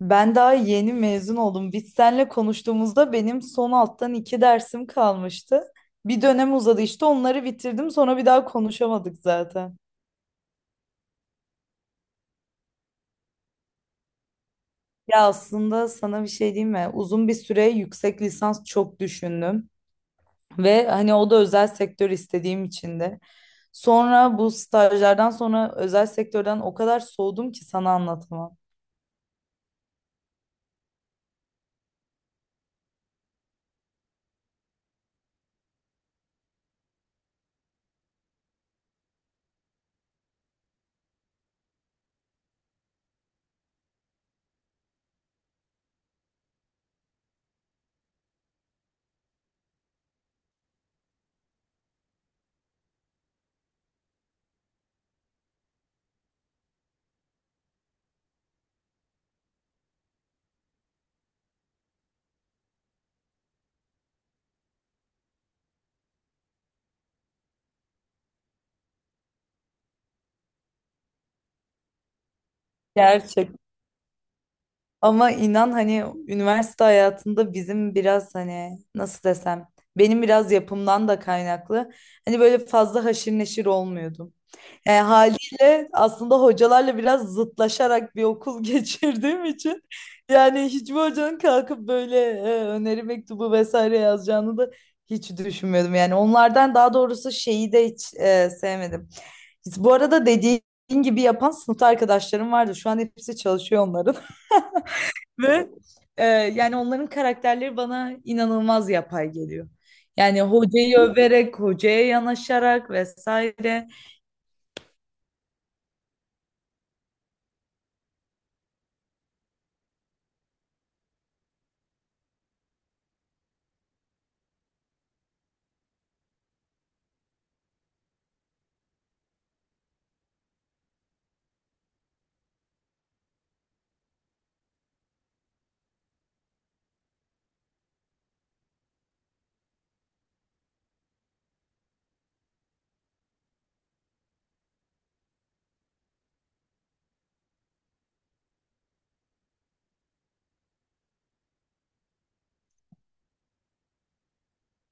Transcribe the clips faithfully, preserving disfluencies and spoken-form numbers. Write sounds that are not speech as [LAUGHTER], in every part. Ben daha yeni mezun oldum. Biz seninle konuştuğumuzda benim son alttan iki dersim kalmıştı. Bir dönem uzadı işte onları bitirdim sonra bir daha konuşamadık zaten. Ya aslında sana bir şey diyeyim mi? Uzun bir süre yüksek lisans çok düşündüm. Ve hani o da özel sektör istediğim için de. Sonra bu stajlardan sonra özel sektörden o kadar soğudum ki sana anlatamam. Gerçekten. Ama inan hani üniversite hayatında bizim biraz hani nasıl desem benim biraz yapımdan da kaynaklı. Hani böyle fazla haşir neşir olmuyordum. Yani haliyle aslında hocalarla biraz zıtlaşarak bir okul [LAUGHS] geçirdiğim için yani hiçbir hocanın kalkıp böyle e, öneri mektubu vesaire yazacağını da hiç düşünmüyordum. Yani onlardan daha doğrusu şeyi de hiç e, sevmedim. Bu arada dediğin gibi yapan sınıfta arkadaşlarım vardı. Şu an hepsi çalışıyor onların. Ve e, yani onların karakterleri bana inanılmaz yapay geliyor. Yani hocayı överek, hocaya yanaşarak vesaire.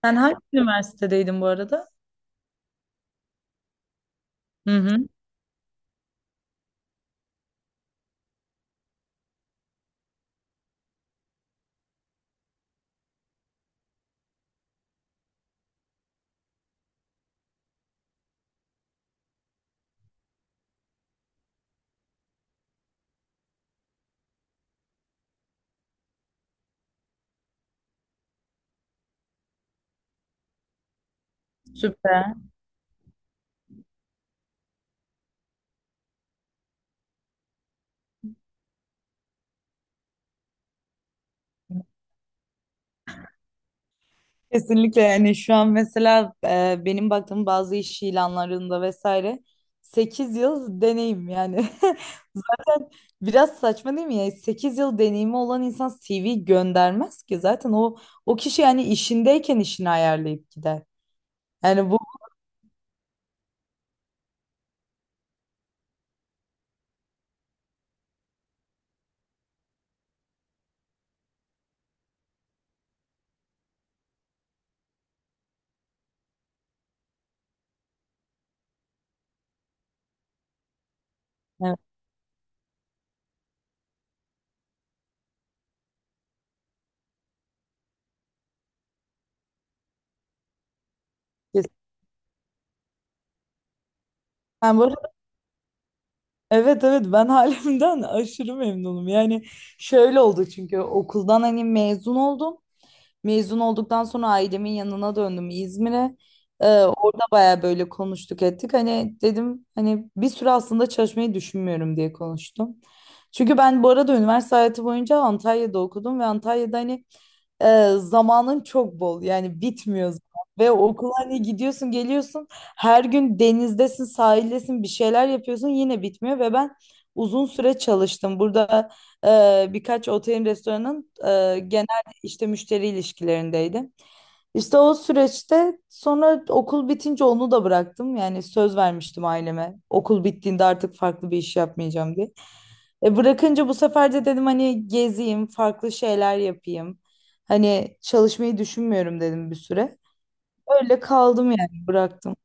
Sen hangi üniversitedeydin bu arada? Hı hı, süper. Kesinlikle yani şu an mesela e, benim baktığım bazı iş ilanlarında vesaire sekiz yıl deneyim yani. [LAUGHS] Zaten biraz saçma değil mi ya? Sekiz yıl deneyimi olan insan C V göndermez ki zaten o o kişi yani işindeyken işini ayarlayıp gider. Yani bu, evet. Ben bu arada, evet, evet, ben halimden [LAUGHS] aşırı memnunum. Yani şöyle oldu çünkü okuldan hani mezun oldum. Mezun olduktan sonra ailemin yanına döndüm İzmir'e. Ee, orada baya böyle konuştuk ettik. Hani dedim hani bir süre aslında çalışmayı düşünmüyorum diye konuştum. Çünkü ben bu arada üniversite hayatı boyunca Antalya'da okudum ve Antalya'da hani e, zamanın çok bol yani bitmiyor zaman. Ve okula hani gidiyorsun geliyorsun her gün denizdesin sahildesin bir şeyler yapıyorsun yine bitmiyor ve ben uzun süre çalıştım. Burada e, birkaç otelin restoranın e, işte müşteri ilişkilerindeydim. İşte o süreçte sonra okul bitince onu da bıraktım. Yani söz vermiştim aileme. Okul bittiğinde artık farklı bir iş yapmayacağım diye. E bırakınca bu sefer de dedim hani gezeyim, farklı şeyler yapayım. Hani çalışmayı düşünmüyorum dedim bir süre. Öyle kaldım yani bıraktım.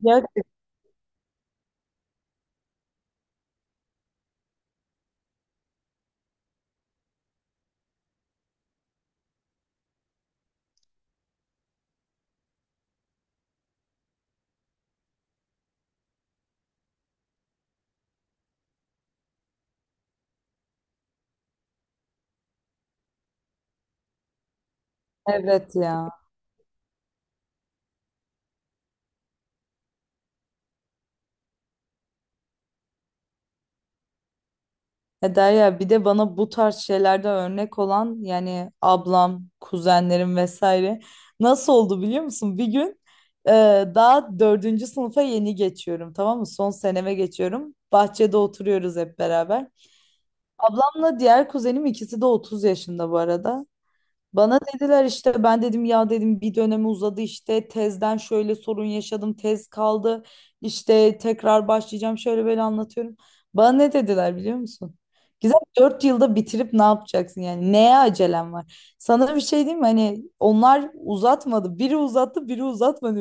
Ya, evet ya. Ya Derya bir de bana bu tarz şeylerde örnek olan yani ablam, kuzenlerim vesaire nasıl oldu biliyor musun? Bir gün e, daha dördüncü sınıfa yeni geçiyorum tamam mı? Son seneme geçiyorum. Bahçede oturuyoruz hep beraber. Ablamla diğer kuzenim ikisi de otuz yaşında bu arada. Bana dediler işte ben dedim ya dedim bir dönemi uzadı işte tezden şöyle sorun yaşadım tez kaldı işte tekrar başlayacağım şöyle böyle anlatıyorum. Bana ne dediler biliyor musun? Güzel dört yılda bitirip ne yapacaksın yani neye acelem var? Sana bir şey diyeyim mi hani onlar uzatmadı biri uzattı biri uzatmadı.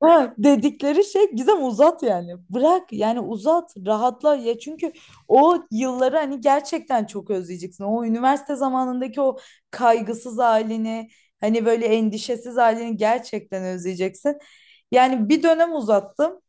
Ha, dedikleri şey Gizem uzat yani. Bırak yani uzat, rahatla ya çünkü o yılları hani gerçekten çok özleyeceksin. O üniversite zamanındaki o kaygısız halini, hani böyle endişesiz halini gerçekten özleyeceksin. Yani bir dönem uzattım.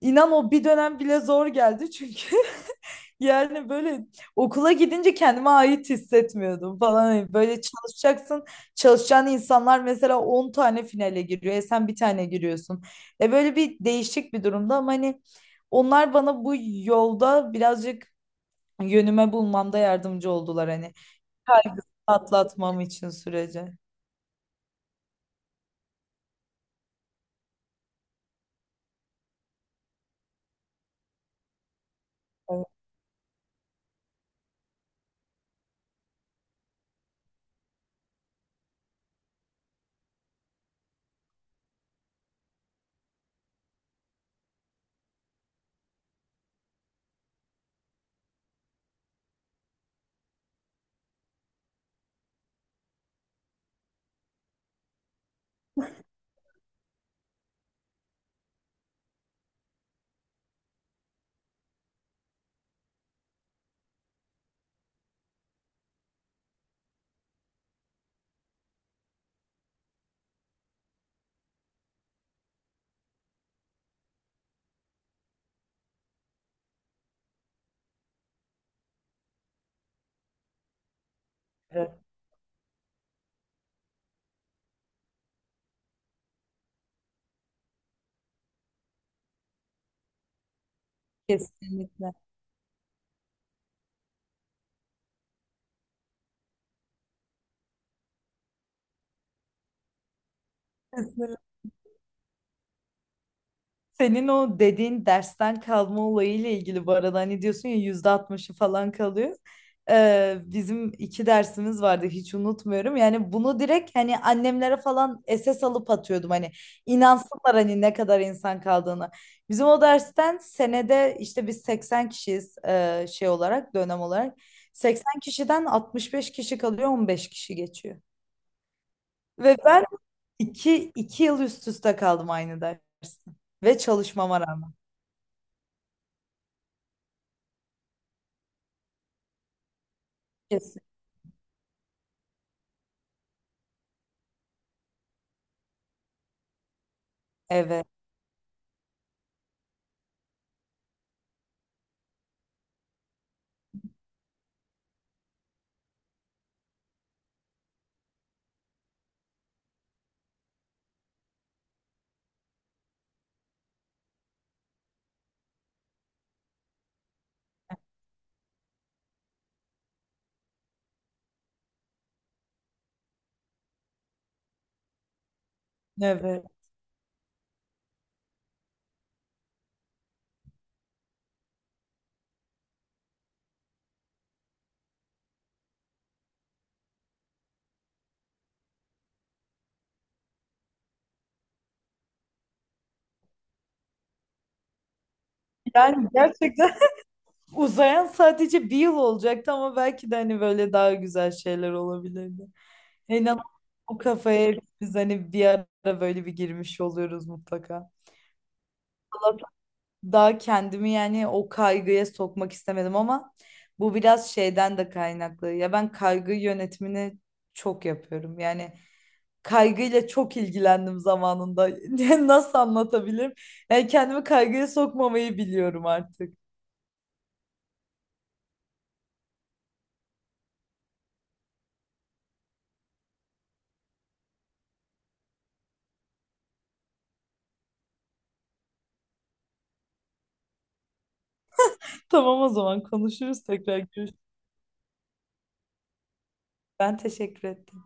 İnan o bir dönem bile zor geldi çünkü [LAUGHS] yani böyle okula gidince kendime ait hissetmiyordum falan. Hani böyle çalışacaksın. Çalışacağın insanlar mesela on tane finale giriyor. E sen bir tane giriyorsun. E böyle bir değişik bir durumda ama hani onlar bana bu yolda birazcık yönüme bulmamda yardımcı oldular hani. Kaygısını atlatmam için sürece. Evet, evet. Kesinlikle. [LAUGHS] Senin o dediğin dersten kalma olayıyla ilgili bu arada hani diyorsun ya yüzde altmışı falan kalıyor. Ee, bizim iki dersimiz vardı hiç unutmuyorum. Yani bunu direkt hani annemlere falan S S alıp atıyordum hani inansınlar hani ne kadar insan kaldığını. Bizim o dersten senede işte biz seksen kişiyiz e, şey olarak dönem olarak. seksen kişiden altmış beş kişi kalıyor on beş kişi geçiyor. Ve ben iki, iki yıl üst üste kaldım aynı derste ve çalışmama rağmen. Evet, evet. Yani gerçekten [LAUGHS] uzayan sadece bir yıl olacaktı ama belki de hani böyle daha güzel şeyler olabilirdi. İnan o kafaya biz hani bir ara böyle bir girmiş oluyoruz mutlaka. Daha kendimi yani o kaygıya sokmak istemedim ama bu biraz şeyden de kaynaklı. Ya ben kaygı yönetimini çok yapıyorum. Yani kaygıyla çok ilgilendim zamanında. [LAUGHS] Nasıl anlatabilirim? Yani kendimi kaygıya sokmamayı biliyorum artık. Tamam o zaman konuşuruz tekrar görüşürüz. Ben teşekkür ettim.